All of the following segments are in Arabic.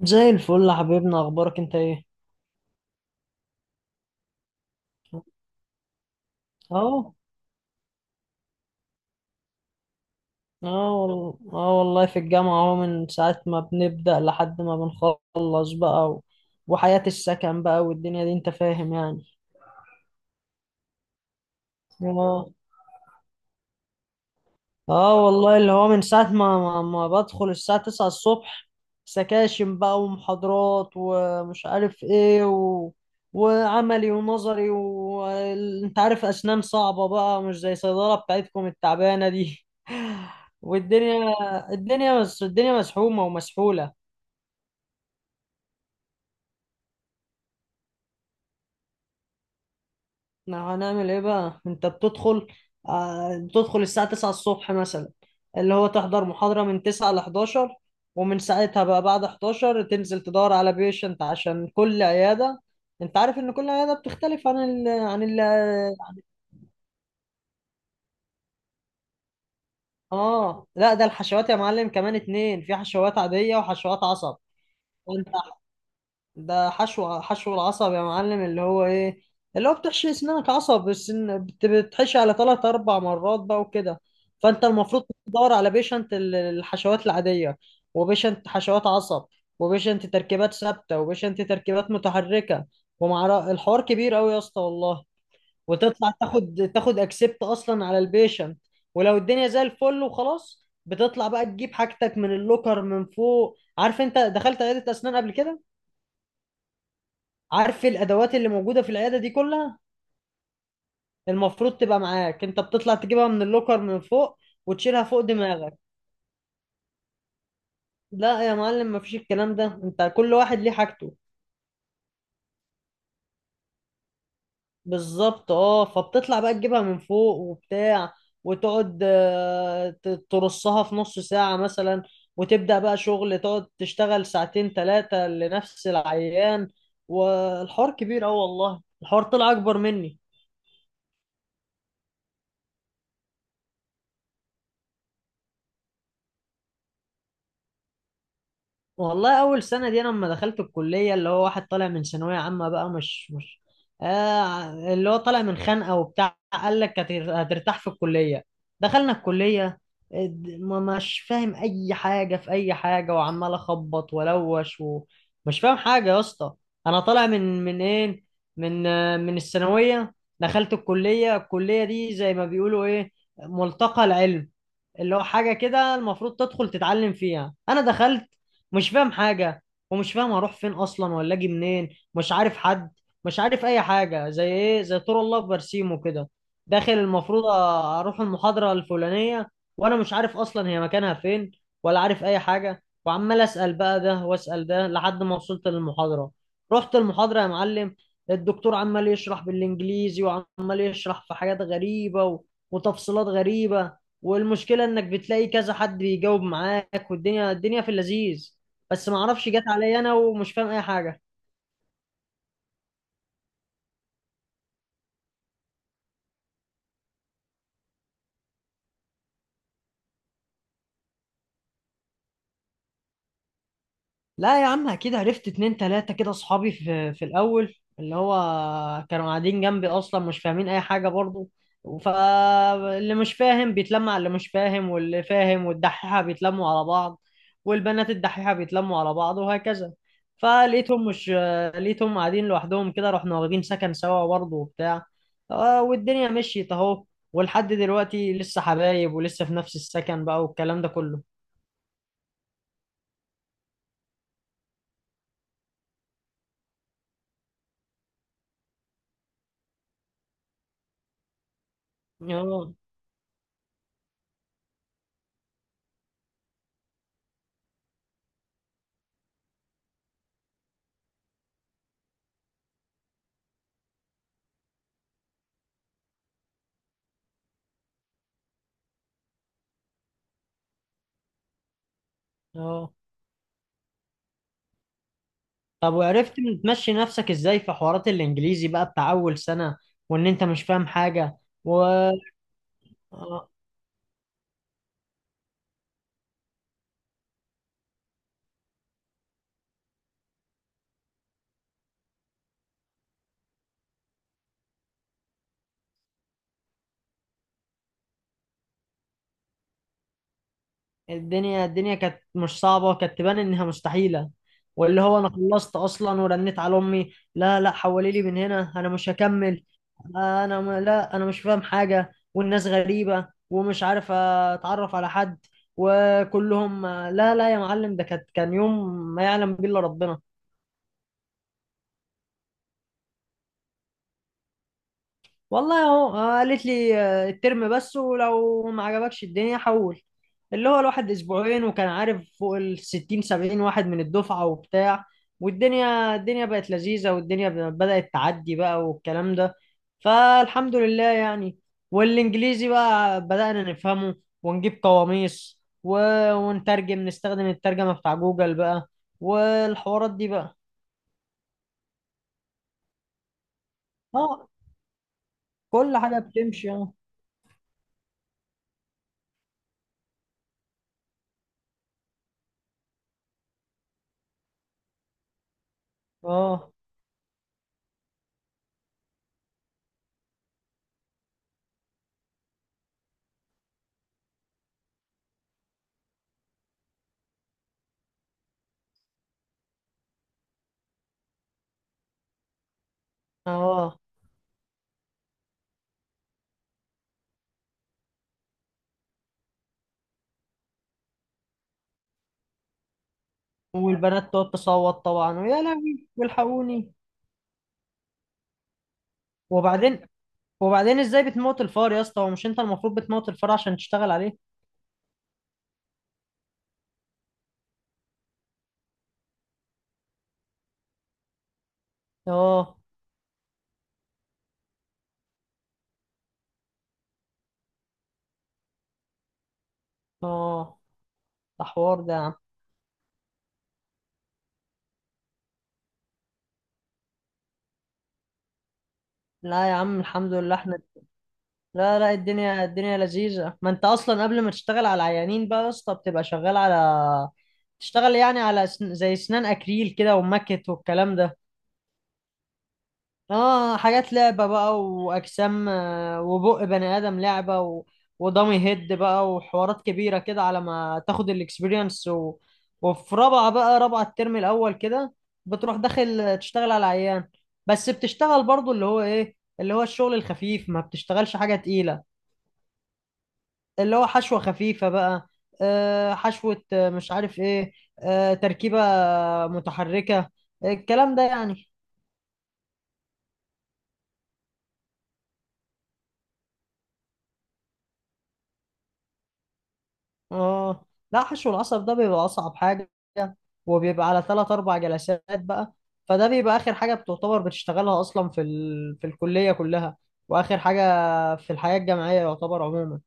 زي الفل يا حبيبنا، اخبارك انت ايه؟ اهو. اه والله. اه والله، في الجامعة اهو، من ساعة ما بنبدأ لحد ما بنخلص بقى، و... وحياة السكن بقى والدنيا دي انت فاهم يعني. اه. اه والله، اللي هو من ساعة ما بدخل الساعة 9 الصبح، سكاشن بقى ومحاضرات ومش عارف ايه، و... وعملي ونظري، وانت عارف اسنان صعبة بقى، مش زي صيدلة بتاعتكم التعبانة دي. والدنيا الدنيا مس... الدنيا مسحومة ومسحولة. احنا هنعمل ايه بقى؟ انت بتدخل، بتدخل الساعة 9 الصبح مثلا، اللي هو تحضر محاضرة من 9 ل 11، ومن ساعتها بقى بعد 11 تنزل تدور على بيشنت، عشان كل عيادة انت عارف ان كل عيادة بتختلف اه لا، ده الحشوات يا معلم، كمان اتنين، في حشوات عادية وحشوات عصب. وانت، ده حشو العصب يا معلم، اللي هو ايه، اللي هو بتحشي اسنانك عصب، بس بتحشي على ثلاث اربع مرات بقى وكده. فانت المفروض تدور على بيشنت الحشوات العاديه، وبيشنت حشوات عصب، وبيشنت تركيبات ثابته، وبيشنت تركيبات متحركه، ومع الحوار كبير قوي يا اسطى والله. وتطلع تاخد اكسبت اصلا على البيشنت، ولو الدنيا زي الفل وخلاص، بتطلع بقى تجيب حاجتك من اللوكر من فوق. عارف انت دخلت عياده اسنان قبل كده؟ عارف إيه الادوات اللي موجوده في العياده دي كلها المفروض تبقى معاك؟ انت بتطلع تجيبها من اللوكر من فوق وتشيلها فوق دماغك. لا يا معلم، مفيش الكلام ده، انت كل واحد ليه حاجته. بالظبط، اه. فبتطلع بقى تجيبها من فوق وبتاع، وتقعد ترصها في نص ساعه مثلا، وتبدا بقى شغل، تقعد تشتغل ساعتين ثلاثه لنفس العيان. والحوار كبير اوي والله، الحوار طلع اكبر مني. والله اول سنه دي، انا لما دخلت الكليه، اللي هو واحد طالع من ثانويه عامه بقى، مش مش آه اللي هو طالع من خانقه وبتاع، قال لك هترتاح في الكليه. دخلنا الكليه، ما مش فاهم اي حاجه في اي حاجه، وعمال اخبط والوش ومش فاهم حاجه يا اسطى. انا طالع من ايه، من الثانويه. دخلت الكليه، الكليه دي زي ما بيقولوا ايه، ملتقى العلم، اللي هو حاجة كده المفروض تدخل تتعلم فيها. أنا دخلت مش فاهم حاجة، ومش فاهم هروح فين أصلا ولا أجي منين، مش عارف حد، مش عارف أي حاجة، زي إيه، زي طور الله في برسيم كده. داخل المفروض أروح المحاضرة الفلانية، وأنا مش عارف أصلا هي مكانها فين ولا عارف أي حاجة، وعمال أسأل بقى ده وأسأل ده لحد ما وصلت للمحاضرة. رحت المحاضرة يا معلم، الدكتور عمال يشرح بالإنجليزي، وعمال يشرح في حاجات غريبة و... وتفصيلات غريبة، والمشكلة انك بتلاقي كذا حد بيجاوب معاك، والدنيا في اللذيذ، بس ما اعرفش جت عليا انا ومش فاهم اي حاجه. لا يا عم، اكيد عرفت اتنين تلاته كده اصحابي في الاول، اللي هو كانوا قاعدين جنبي اصلا مش فاهمين اي حاجه برضو، فاللي مش فاهم بيتلم على اللي مش فاهم، واللي فاهم والدحيحه بيتلموا على بعض، والبنات الدحيحه بيتلموا على بعض وهكذا. فلقيتهم مش آه، لقيتهم قاعدين لوحدهم كده، رحنا واخدين سكن سوا برضه وبتاع. والدنيا مشيت اهو، ولحد دلوقتي لسه حبايب ولسه في نفس السكن بقى والكلام ده كله. اه. اه. طب وعرفت تمشي نفسك ازاي في حوارات الانجليزي بقى بتاع اول سنة، وان انت مش فاهم حاجة؟ و آه، الدنيا كانت مش صعبة، كانت تبان انها مستحيلة. واللي هو انا خلصت اصلا ورنيت على امي، لا، لا، حولي لي من هنا، انا مش هكمل. انا لا، انا مش فاهم حاجة، والناس غريبة ومش عارف اتعرف على حد، وكلهم لا. لا يا معلم، ده كان يوم ما يعلم به الا ربنا. والله اهو، قالت لي الترم بس، ولو ما عجبكش الدنيا حول. اللي هو الواحد اسبوعين، وكان عارف فوق ال 60 70 واحد من الدفعه وبتاع. والدنيا بقت لذيذه، والدنيا بدات تعدي بقى والكلام ده. فالحمد لله يعني. والانجليزي بقى بدانا نفهمه، ونجيب قواميس، و... ونترجم، نستخدم الترجمه بتاع جوجل بقى، والحوارات دي بقى. اه، كل حاجه بتمشي، اه. اه. اه. والبنات تقعد تصوت طبعا، ويا لهوي والحقوني. وبعدين، وبعدين ازاي بتموت الفار يا اسطى؟ هو مش انت المفروض بتموت الفار عشان تشتغل عليه؟ اه. اه. ده حوار ده يا عم. لا يا عم، الحمد لله احنا. لا، لا، الدنيا لذيذة، ما انت اصلا قبل ما تشتغل على العيانين بقى يا اسطى بتبقى شغال على، تشتغل يعني على زي اسنان اكريل كده ومكت والكلام ده. اه، حاجات لعبة بقى، واجسام، وبق بني ادم لعبة، و... ودامي هيد بقى وحوارات كبيرة كده، على ما تاخد الاكسبيرينس. و... وفي رابعة بقى، رابعة الترم الاول كده، بتروح داخل تشتغل على العيان، بس بتشتغل برضو اللي هو ايه اللي هو الشغل الخفيف، ما بتشتغلش حاجة تقيلة، اللي هو حشوة خفيفة بقى، حشوة، مش عارف ايه، تركيبة متحركة، الكلام ده يعني. اه، لا، حشو العصب ده بيبقى اصعب حاجه، وبيبقى على ثلاث اربع جلسات بقى، فده بيبقى اخر حاجه بتعتبر بتشتغلها اصلا في الكليه كلها، واخر حاجه في الحياه الجامعيه يعتبر عموما.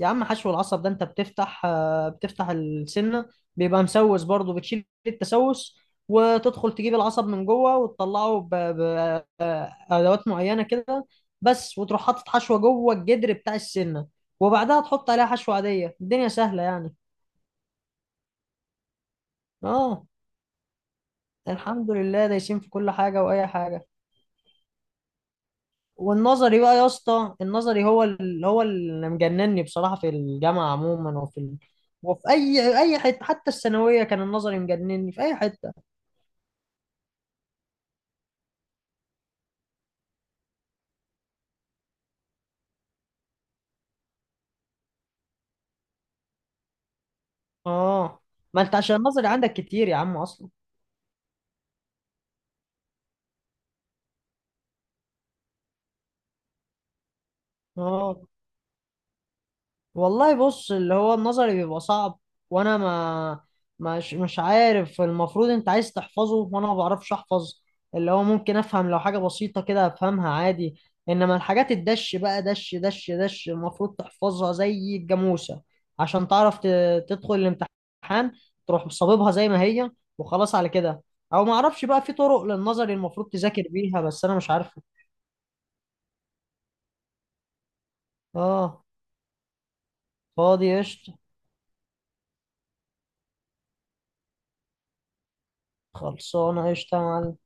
يا عم، حشو العصب ده انت بتفتح السنه، بيبقى مسوس برضه، بتشيل التسوس، وتدخل تجيب العصب من جوه وتطلعه بادوات معينه كده بس، وتروح حاطط حشوه جوه الجدر بتاع السنه، وبعدها تحط عليها حشوه عاديه. الدنيا سهله يعني. اه، الحمد لله، دايسين في كل حاجة وأي حاجة. والنظري بقى يا اسطى، النظري هو اللي هو اللي مجنني بصراحة، في الجامعة عموما وفي أي حتة، حتى الثانوية كان النظري مجنني في أي حتة. اه، ما أنت عشان النظري عندك كتير يا عم أصلا. اه والله بص، اللي هو النظري بيبقى صعب، وانا ما مش عارف، المفروض انت عايز تحفظه وانا ما بعرفش احفظ، اللي هو ممكن افهم لو حاجة بسيطة كده افهمها عادي، انما الحاجات الدش بقى دش دش دش المفروض تحفظها زي الجاموسة، عشان تعرف تدخل الامتحان، تروح صاببها زي ما هي، وخلاص على كده. او ما اعرفش بقى، في طرق للنظري المفروض تذاكر بيها بس انا مش عارفه. اه، فاضي قشطة. خلصانة قشطة يا معلم.